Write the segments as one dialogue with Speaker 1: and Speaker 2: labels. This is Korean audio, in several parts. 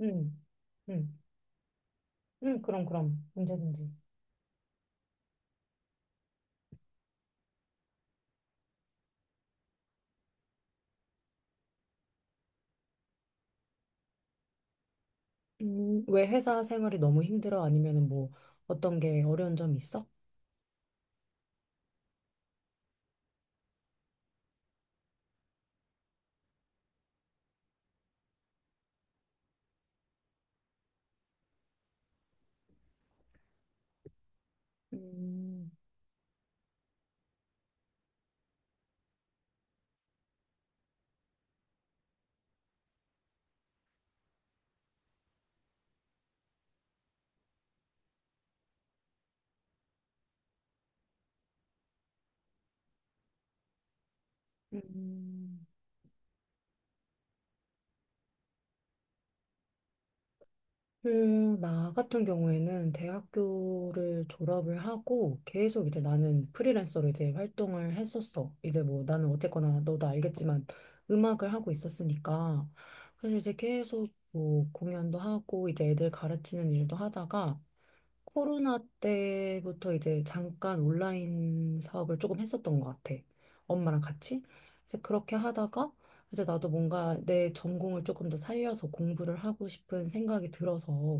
Speaker 1: 응, 응, 응, 그럼, 그럼. 언제든지. 왜 회사 생활이 너무 힘들어? 아니면은 뭐 어떤 게 어려운 점이 있어? 음, 음, 나 같은 경우에는 대학교를 졸업을 하고 계속 이제 나는 프리랜서로 이제 활동을 했었어. 이제 뭐 나는 어쨌거나 너도 알겠지만 음악을 하고 있었으니까. 그래서 이제 계속 뭐 공연도 하고 이제 애들 가르치는 일도 하다가 코로나 때부터 이제 잠깐 온라인 사업을 조금 했었던 것 같아. 엄마랑 같이. 이제 그렇게 하다가 이제 나도 뭔가 내 전공을 조금 더 살려서 공부를 하고 싶은 생각이 들어서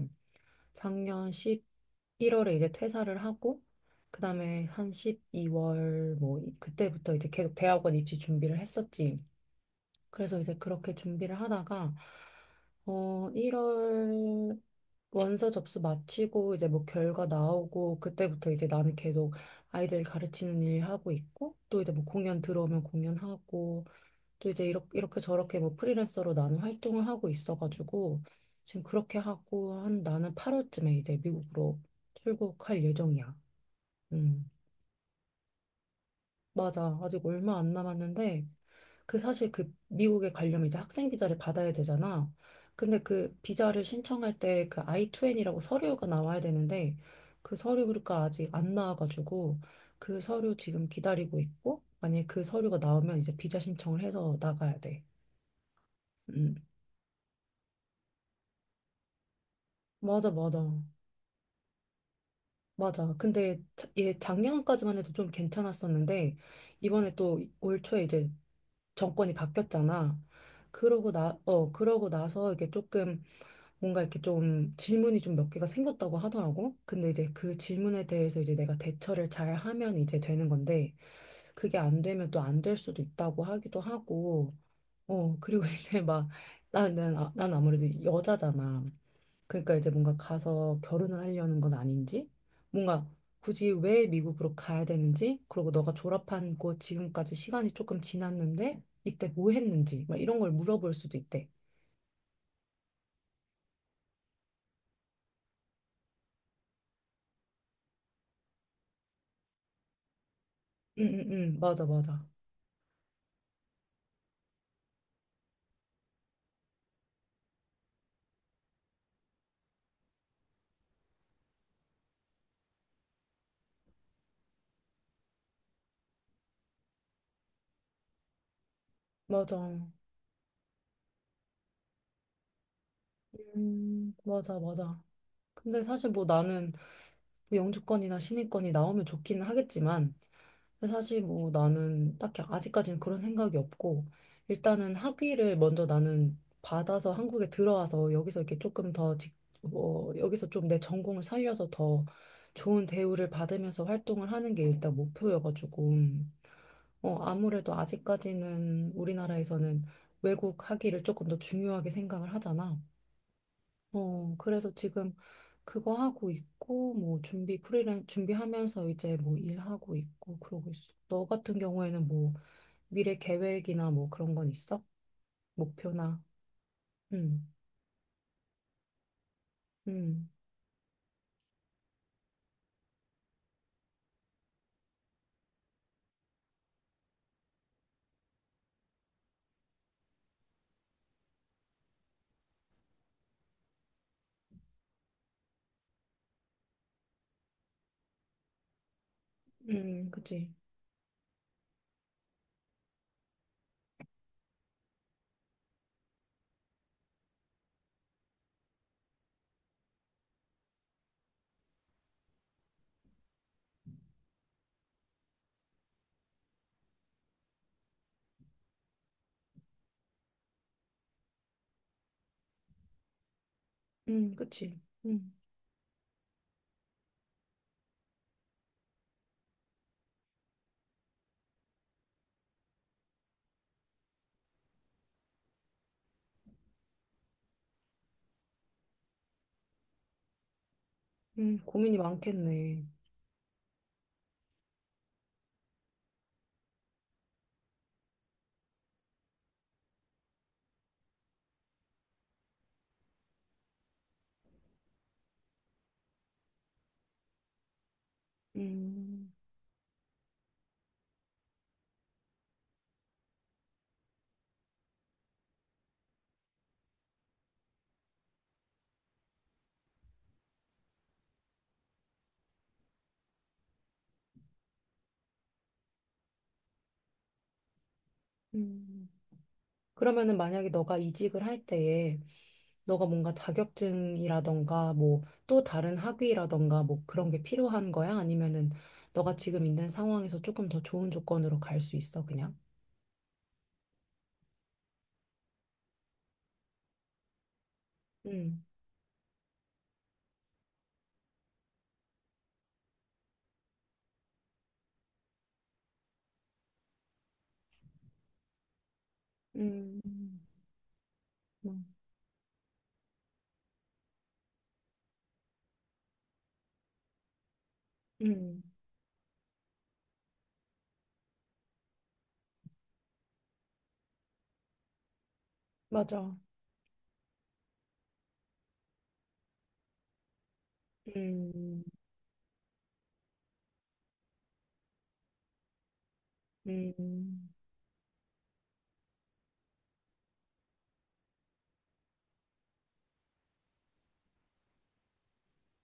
Speaker 1: 작년 11월에 이제 퇴사를 하고, 그다음에 한 12월 뭐 그때부터 이제 계속 대학원 입시 준비를 했었지. 그래서 이제 그렇게 준비를 하다가 1월 원서 접수 마치고 이제 뭐 결과 나오고, 그때부터 이제 나는 계속 아이들 가르치는 일 하고 있고, 또 이제 뭐 공연 들어오면 공연하고, 또 이제 이렇게 저렇게 뭐 프리랜서로 나는 활동을 하고 있어가지고 지금 그렇게 하고, 한 나는 8월쯤에 이제 미국으로 출국할 예정이야. 음, 맞아. 아직 얼마 안 남았는데, 그 사실 그 미국에 가려면 이제 학생 비자를 받아야 되잖아. 근데 그 비자를 신청할 때 그 I-2N이라고 서류가 나와야 되는데, 그 서류가 아직 안 나와가지고 그 서류 지금 기다리고 있고, 만약에 그 서류가 나오면 이제 비자 신청을 해서 나가야 돼. 음. 맞아, 맞아. 맞아. 근데 얘 작년까지만 해도 좀 괜찮았었는데 이번에 또 올 초에 이제 정권이 바뀌었잖아. 그러고 나서 이게 조금 뭔가 이렇게 좀 질문이 좀 몇 개가 생겼다고 하더라고. 근데 이제 그 질문에 대해서 이제 내가 대처를 잘 하면 이제 되는 건데, 그게 안 되면 또 안 될 수도 있다고 하기도 하고. 그리고 이제 막 난 아무래도 여자잖아. 그러니까 이제 뭔가 가서 결혼을 하려는 건 아닌지, 뭔가 굳이 왜 미국으로 가야 되는지, 그리고 너가 졸업한 곳 지금까지 시간이 조금 지났는데 이때 뭐 했는지, 막 이런 걸 물어볼 수도 있대. 응, 응, 응, 맞아, 맞아. 맞아. 맞아, 맞아. 근데 사실 뭐 나는, 뭐 영주권이나 시민권이 나오면 좋기는 하겠지만, 근데 사실 뭐 나는 딱히 아직까지는 그런 생각이 없고, 일단은 학위를 먼저 나는 받아서 한국에 들어와서 여기서 이렇게 조금 더 뭐 여기서 좀 내 전공을 살려서 더 좋은 대우를 받으면서 활동을 하는 게 일단 목표여가지고, 아무래도 아직까지는 우리나라에서는 외국 학위를 조금 더 중요하게 생각을 하잖아. 그래서 지금 그거 하고 있고, 뭐, 준비하면서 이제 뭐 일하고 있고, 그러고 있어. 너 같은 경우에는 뭐, 미래 계획이나 뭐 그런 건 있어? 목표나? 응, 응, 응, 그치, 응, 그치, 응, 응. 고민이 많겠네. 음, 음. 그러면은 만약에 너가 이직을 할 때에, 너가 뭔가 자격증이라던가 뭐 또 다른 학위라던가 뭐 그런 게 필요한 거야? 아니면은 너가 지금 있는 상황에서 조금 더 좋은 조건으로 갈 수 있어, 그냥? 음, 음, 음, 음, 맞아. 음, 음,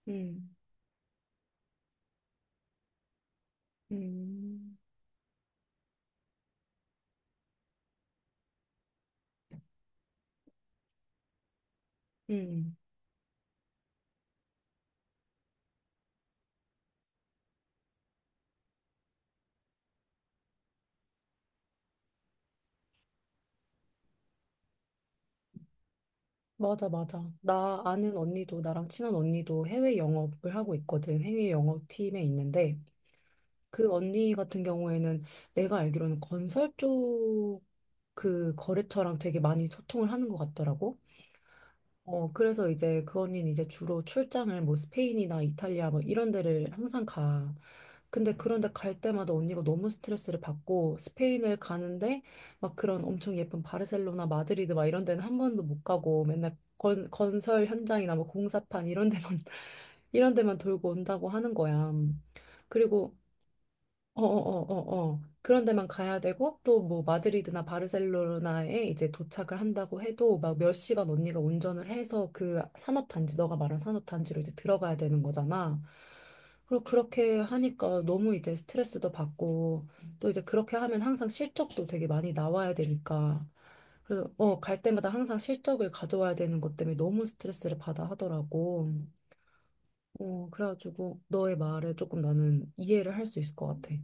Speaker 1: 음, 음, 음. 맞아, 맞아. 나 아는 언니도, 나랑 친한 언니도 해외 영업을 하고 있거든. 해외 영업팀에 있는데, 그 언니 같은 경우에는 내가 알기로는 건설 쪽, 그 거래처랑 되게 많이 소통을 하는 것 같더라고. 그래서 이제 그 언니는 이제 주로 출장을 뭐 스페인이나 이탈리아 뭐 이런 데를 항상 가. 근데 그런데 갈 때마다 언니가 너무 스트레스를 받고, 스페인을 가는데 막 그런 엄청 예쁜 바르셀로나, 마드리드 막 이런 데는 한 번도 못 가고 맨날 건설 현장이나 뭐 공사판, 이런 데만 이런 데만 돌고 온다고 하는 거야. 그리고 어어어어어 그런 데만 가야 되고, 또 뭐 마드리드나 바르셀로나에 이제 도착을 한다고 해도 막 몇 시간 언니가 운전을 해서 그 산업단지, 너가 말한 산업단지로 이제 들어가야 되는 거잖아. 그리고 그렇게 하니까 너무 이제 스트레스도 받고, 또 이제 그렇게 하면 항상 실적도 되게 많이 나와야 되니까, 그래서 갈 때마다 항상 실적을 가져와야 되는 것 때문에 너무 스트레스를 받아 하더라고. 그래가지고 너의 말에 조금 나는 이해를 할 수 있을 것 같아.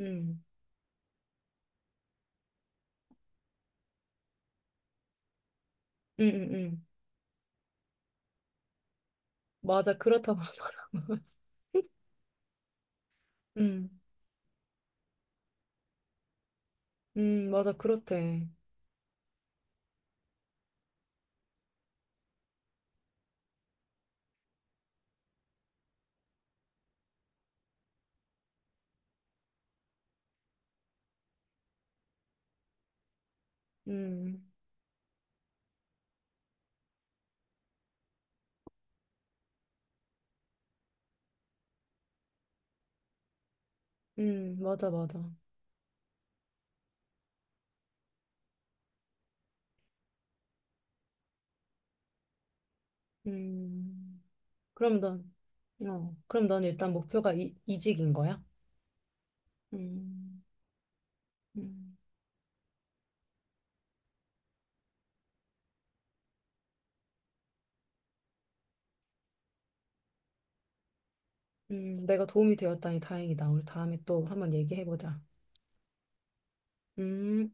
Speaker 1: 음. 응, 응, 응. 맞아, 그렇다고 하더라. 응, 응, 맞아, 그렇대. 응, 응, 맞아, 맞아. 응, 그럼 넌, 그럼 넌 일단 목표가 이직인 거야? 음, 음, 내가 도움이 되었다니 다행이다. 우리 다음에 또 한번 얘기해보자. 음.